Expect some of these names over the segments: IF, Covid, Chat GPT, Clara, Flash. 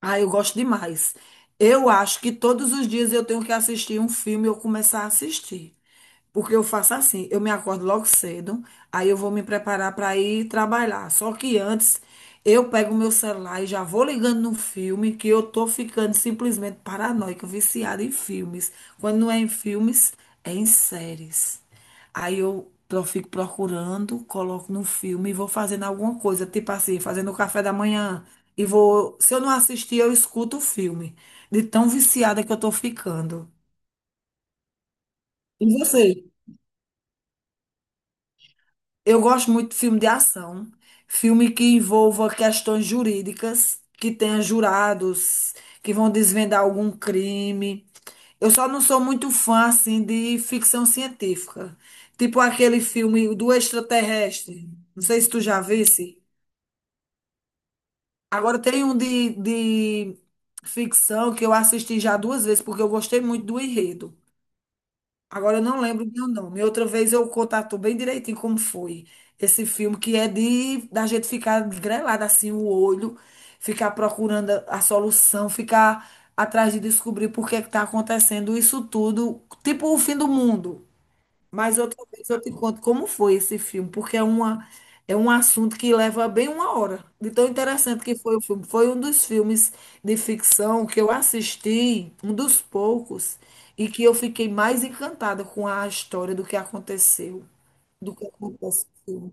Ah, eu gosto demais. Eu acho que todos os dias eu tenho que assistir um filme e eu começar a assistir. Porque eu faço assim, eu me acordo logo cedo, aí eu vou me preparar para ir trabalhar. Só que antes eu pego o meu celular e já vou ligando no filme que eu tô ficando simplesmente paranoica, viciada em filmes. Quando não é em filmes, é em séries. Aí eu fico procurando, coloco no filme e vou fazendo alguma coisa, tipo assim, fazendo o café da manhã. E vou, se eu não assistir, eu escuto o filme, de tão viciada que eu tô ficando. E você? Eu gosto muito de filme de ação, filme que envolva questões jurídicas, que tenha jurados, que vão desvendar algum crime. Eu só não sou muito fã, assim, de ficção científica. Tipo aquele filme do extraterrestre. Não sei se tu já visse. Agora tem um de ficção que eu assisti já duas vezes, porque eu gostei muito do enredo. Agora eu não lembro o meu nome. Outra vez eu contato bem direitinho como foi esse filme, que é de da gente ficar grelado assim o olho, ficar procurando a solução, ficar atrás de descobrir por que está acontecendo isso tudo, tipo o fim do mundo. Mas outra vez eu te conto como foi esse filme, porque é um assunto que leva bem uma hora. De tão interessante que foi o filme. Foi um dos filmes de ficção que eu assisti, um dos poucos, e que eu fiquei mais encantada com a história do que aconteceu, do que aconteceu.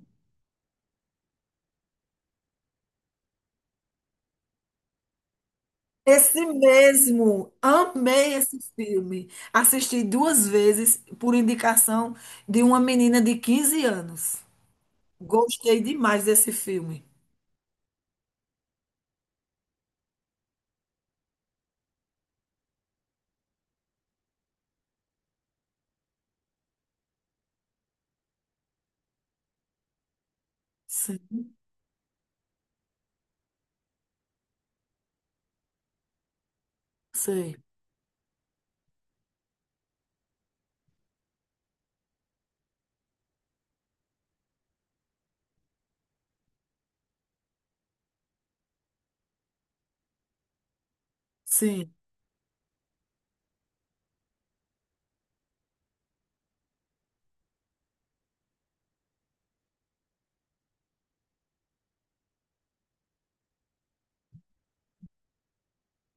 Esse mesmo, amei esse filme. Assisti duas vezes por indicação de uma menina de 15 anos. Gostei demais desse filme. Sim. Sei, sim,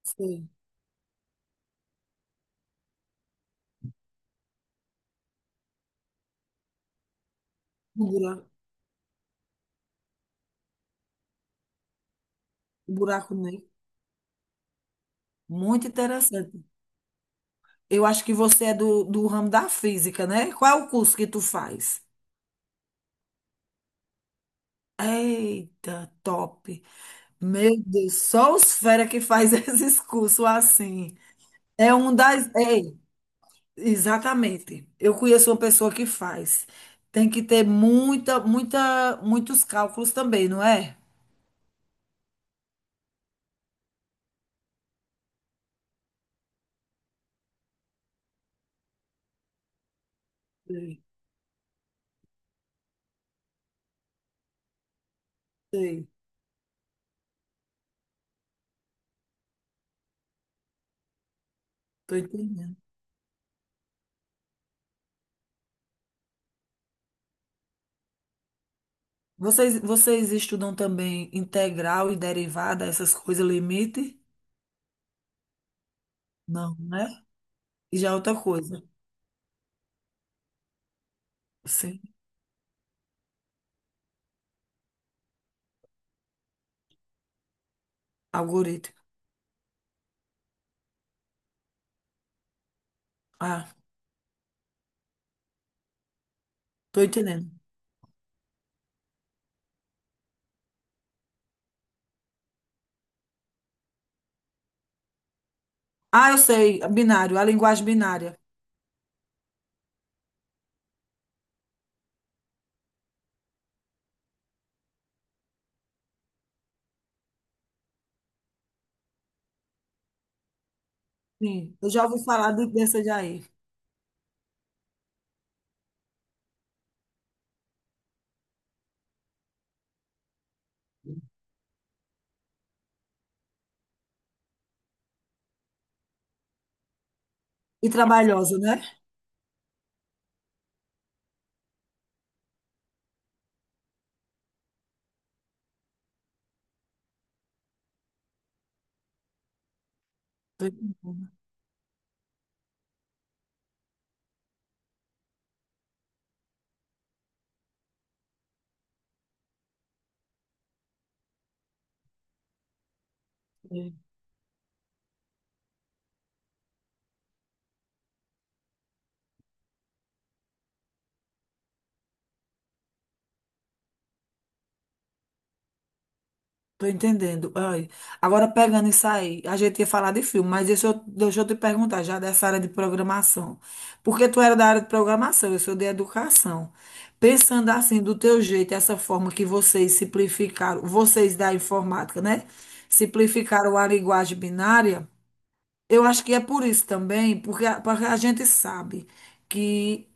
sei. O buraco, o buraco negro. Muito interessante. Eu acho que você é do ramo da física, né? Qual é o curso que tu faz? Eita, top. Meu Deus, só os fera que faz esses cursos assim. Ei, exatamente. Eu conheço uma pessoa que faz. Tem que ter muita, muita, muitos cálculos também, não é? Sei, sei. Tô entendendo. Vocês estudam também integral e derivada, essas coisas, limite? Não, né? E já é outra coisa. Sim, algoritmo. Ah, tô entendendo. Ah, eu sei, binário, a linguagem binária. Sim, eu já ouvi falar dessa daí. E trabalhosa, né? Tô entendendo. É. Tô entendendo. Ai, agora pegando isso aí, a gente ia falar de filme, mas deixa eu te perguntar já dessa área de programação. Porque tu era da área de programação, eu sou de educação. Pensando assim, do teu jeito, essa forma que vocês simplificaram, vocês da informática, né? Simplificaram a linguagem binária, eu acho que é por isso também, porque a gente sabe que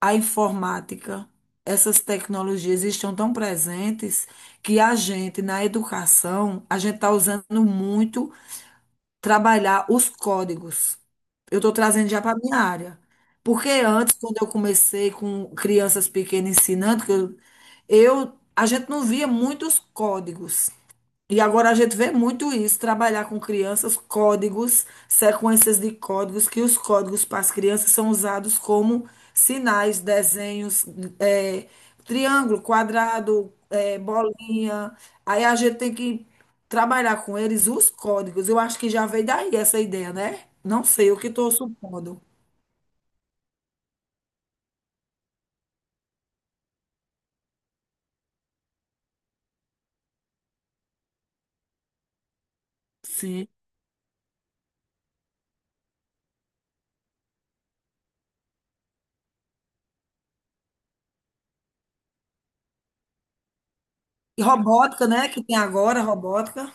a informática, essas tecnologias estão tão presentes que a gente, na educação, a gente está usando muito trabalhar os códigos. Eu estou trazendo já para a minha área. Porque antes, quando eu comecei com crianças pequenas ensinando, a gente não via muitos códigos. E agora a gente vê muito isso, trabalhar com crianças, códigos, sequências de códigos, que os códigos para as crianças são usados como sinais, desenhos, é, triângulo, quadrado, é, bolinha. Aí a gente tem que trabalhar com eles os códigos. Eu acho que já veio daí essa ideia, né? Não sei, o que estou supondo. Sim. E robótica, né? Que tem agora, robótica,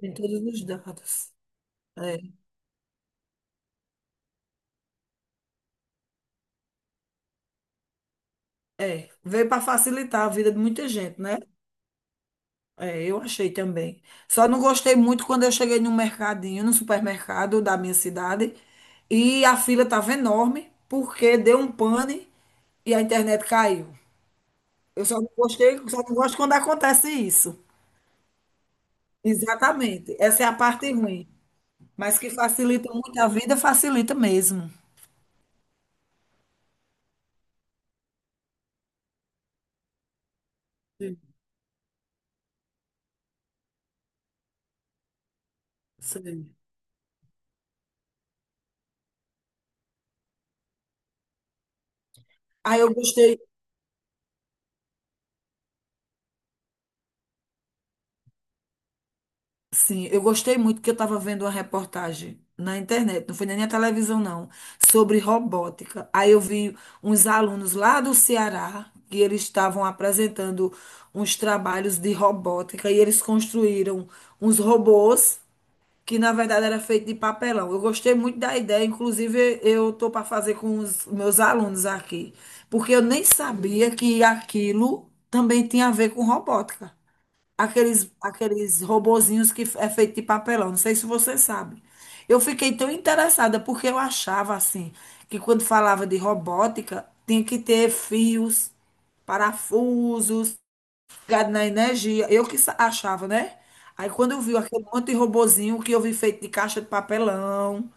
tem todos os dados. É, é. Veio para facilitar a vida de muita gente, né? É, eu achei também. Só não gostei muito quando eu cheguei no mercadinho, no supermercado da minha cidade, e a fila estava enorme, porque deu um pane e a internet caiu. Eu só não gostei, só não gosto quando acontece isso. Exatamente. Essa é a parte ruim. Mas que facilita muito a vida, facilita mesmo. Sim, sim. Aí eu gostei. Sim, eu gostei muito que eu estava vendo uma reportagem na internet, não foi nem na televisão, não, sobre robótica. Aí eu vi uns alunos lá do Ceará que eles estavam apresentando uns trabalhos de robótica e eles construíram uns robôs que na verdade era feito de papelão. Eu gostei muito da ideia, inclusive eu tô para fazer com os meus alunos aqui, porque eu nem sabia que aquilo também tinha a ver com robótica aqueles robozinhos que é feito de papelão. Não sei se você sabe. Eu fiquei tão interessada porque eu achava assim que quando falava de robótica tinha que ter fios, parafusos, ligado na energia. Eu que achava, né? Aí quando eu vi aquele monte de robozinho que eu vi feito de caixa de papelão,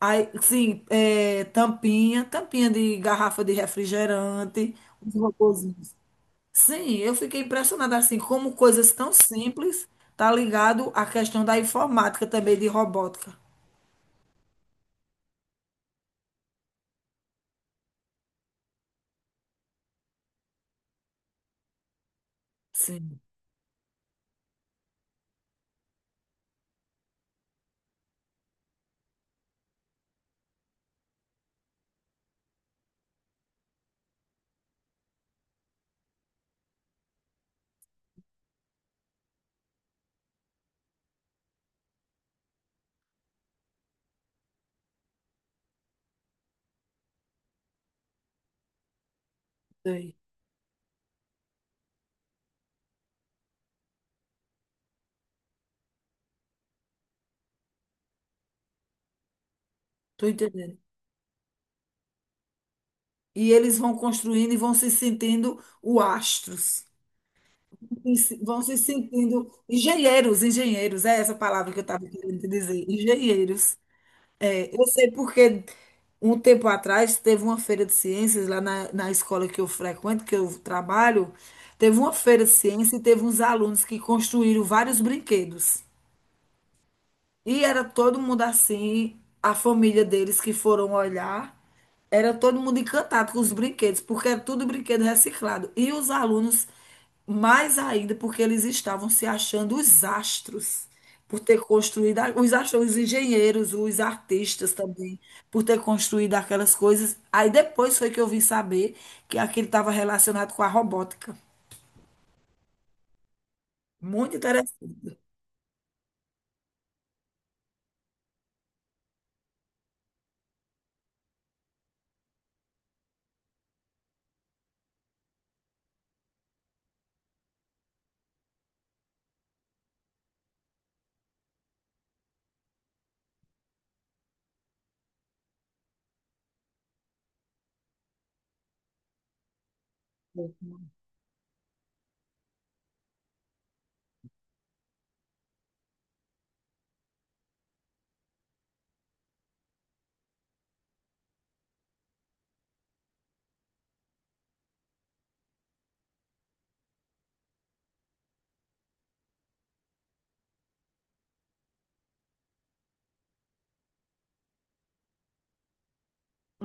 aí sim, é, tampinha, tampinha de garrafa de refrigerante, os robozinhos. Sim, eu fiquei impressionada assim, como coisas tão simples tá ligado à questão da informática também, de robótica. Sim, sei, tô entendendo. E eles vão construindo e vão se sentindo o astros. E vão se sentindo engenheiros, engenheiros, é essa palavra que eu estava querendo te dizer, engenheiros. É, eu sei porque um tempo atrás teve uma feira de ciências lá na escola que eu frequento, que eu trabalho. Teve uma feira de ciências e teve uns alunos que construíram vários brinquedos. E era todo mundo assim, a família deles que foram olhar, era todo mundo encantado com os brinquedos, porque era tudo brinquedo reciclado. E os alunos, mais ainda, porque eles estavam se achando os astros, por ter construído, os astros, os engenheiros, os artistas também, por ter construído aquelas coisas. Aí depois foi que eu vim saber que aquilo estava relacionado com a robótica. Muito interessante.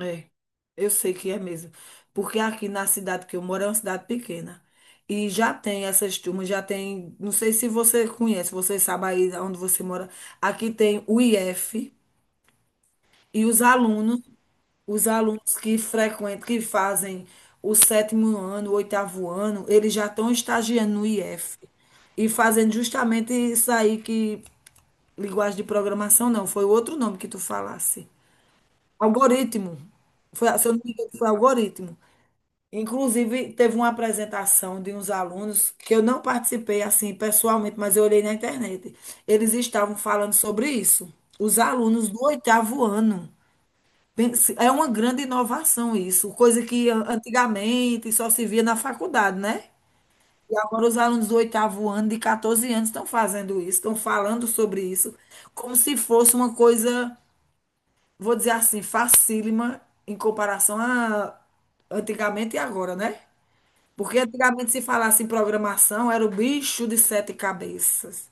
É, eu sei que é mesmo. Porque aqui na cidade que eu moro é uma cidade pequena. E já tem essas turmas, já tem. Não sei se você conhece, você sabe aí onde você mora. Aqui tem o IF e os alunos que frequentam, que fazem o sétimo ano, o oitavo ano, eles já estão estagiando no IF e fazendo justamente isso aí que. Linguagem de programação, não, foi outro nome que tu falasse. Algoritmo. Foi, se eu não me engano, foi algoritmo. Inclusive, teve uma apresentação de uns alunos que eu não participei assim pessoalmente, mas eu olhei na internet. Eles estavam falando sobre isso. Os alunos do oitavo ano. É uma grande inovação isso, coisa que antigamente só se via na faculdade, né? E agora os alunos do oitavo ano, de 14 anos, estão fazendo isso, estão falando sobre isso, como se fosse uma coisa, vou dizer assim, facílima em comparação a antigamente e agora, né? Porque antigamente se falasse em programação, era o bicho de sete cabeças.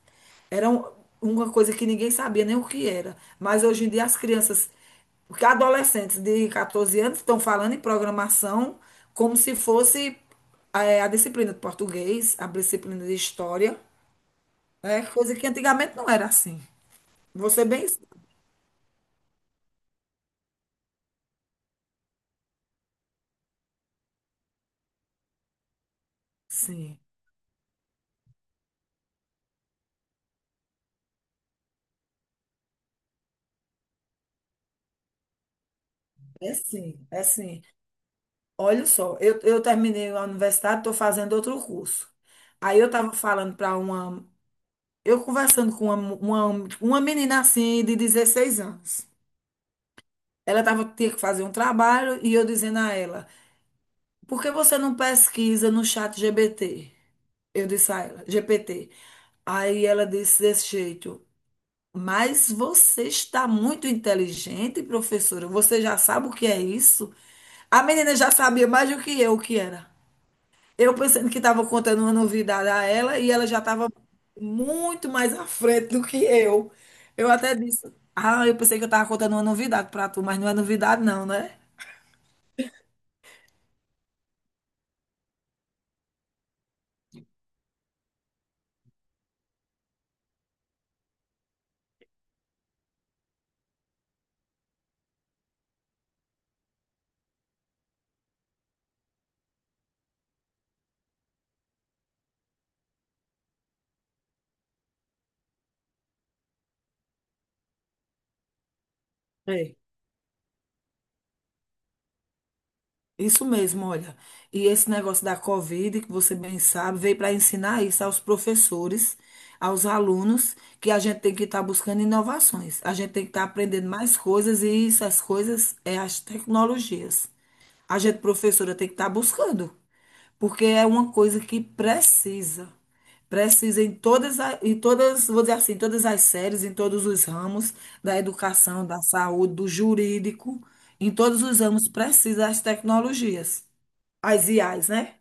Era uma coisa que ninguém sabia nem o que era. Mas hoje em dia as crianças, porque adolescentes de 14 anos estão falando em programação como se fosse a disciplina de português, a disciplina de história, né? Coisa que antigamente não era assim. Você bem Sim, é sim, é sim. Olha só, eu terminei a universidade, estou fazendo outro curso. Aí eu estava falando para uma Eu conversando com tipo, uma menina assim de 16 anos. Ela tava, tinha que fazer um trabalho e eu dizendo a ela, por que você não pesquisa no chat GPT? Eu disse a ela, GPT. Aí ela disse desse jeito, mas você está muito inteligente, professora. Você já sabe o que é isso? A menina já sabia mais do que eu o que era. Eu pensando que estava contando uma novidade a ela e ela já estava muito mais à frente do que eu. Eu até disse, ah, eu pensei que eu estava contando uma novidade para tu, mas não é novidade não, né? É. Isso mesmo, olha. E esse negócio da Covid, que você bem sabe, veio para ensinar isso aos professores, aos alunos, que a gente tem que estar buscando inovações. A gente tem que estar aprendendo mais coisas e essas coisas é as tecnologias. A gente, professora, tem que estar buscando. Porque é uma coisa que precisa. Precisa em todas, em todas, vou dizer assim, em todas as séries, em todos os ramos da educação, da saúde, do jurídico, em todos os ramos precisa as tecnologias, as IAs, né?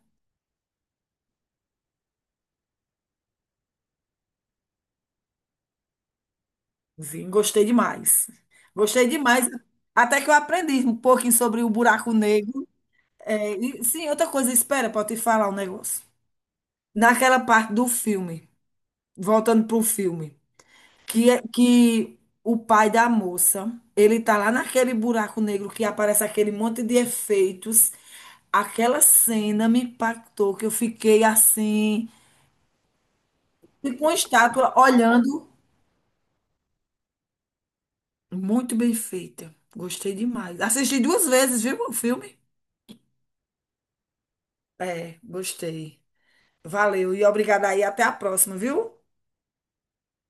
Sim, gostei demais. Gostei demais. Até que eu aprendi um pouquinho sobre o buraco negro. É, e, sim, outra coisa, espera, para te falar um negócio. Naquela parte do filme, voltando para o filme, que, que o pai da moça, ele tá lá naquele buraco negro que aparece aquele monte de efeitos. Aquela cena me impactou, que eu fiquei assim, com a estátua olhando. Muito bem feita. Gostei demais. Assisti duas vezes, viu, o filme? É, gostei. Valeu e obrigada aí. Até a próxima, viu?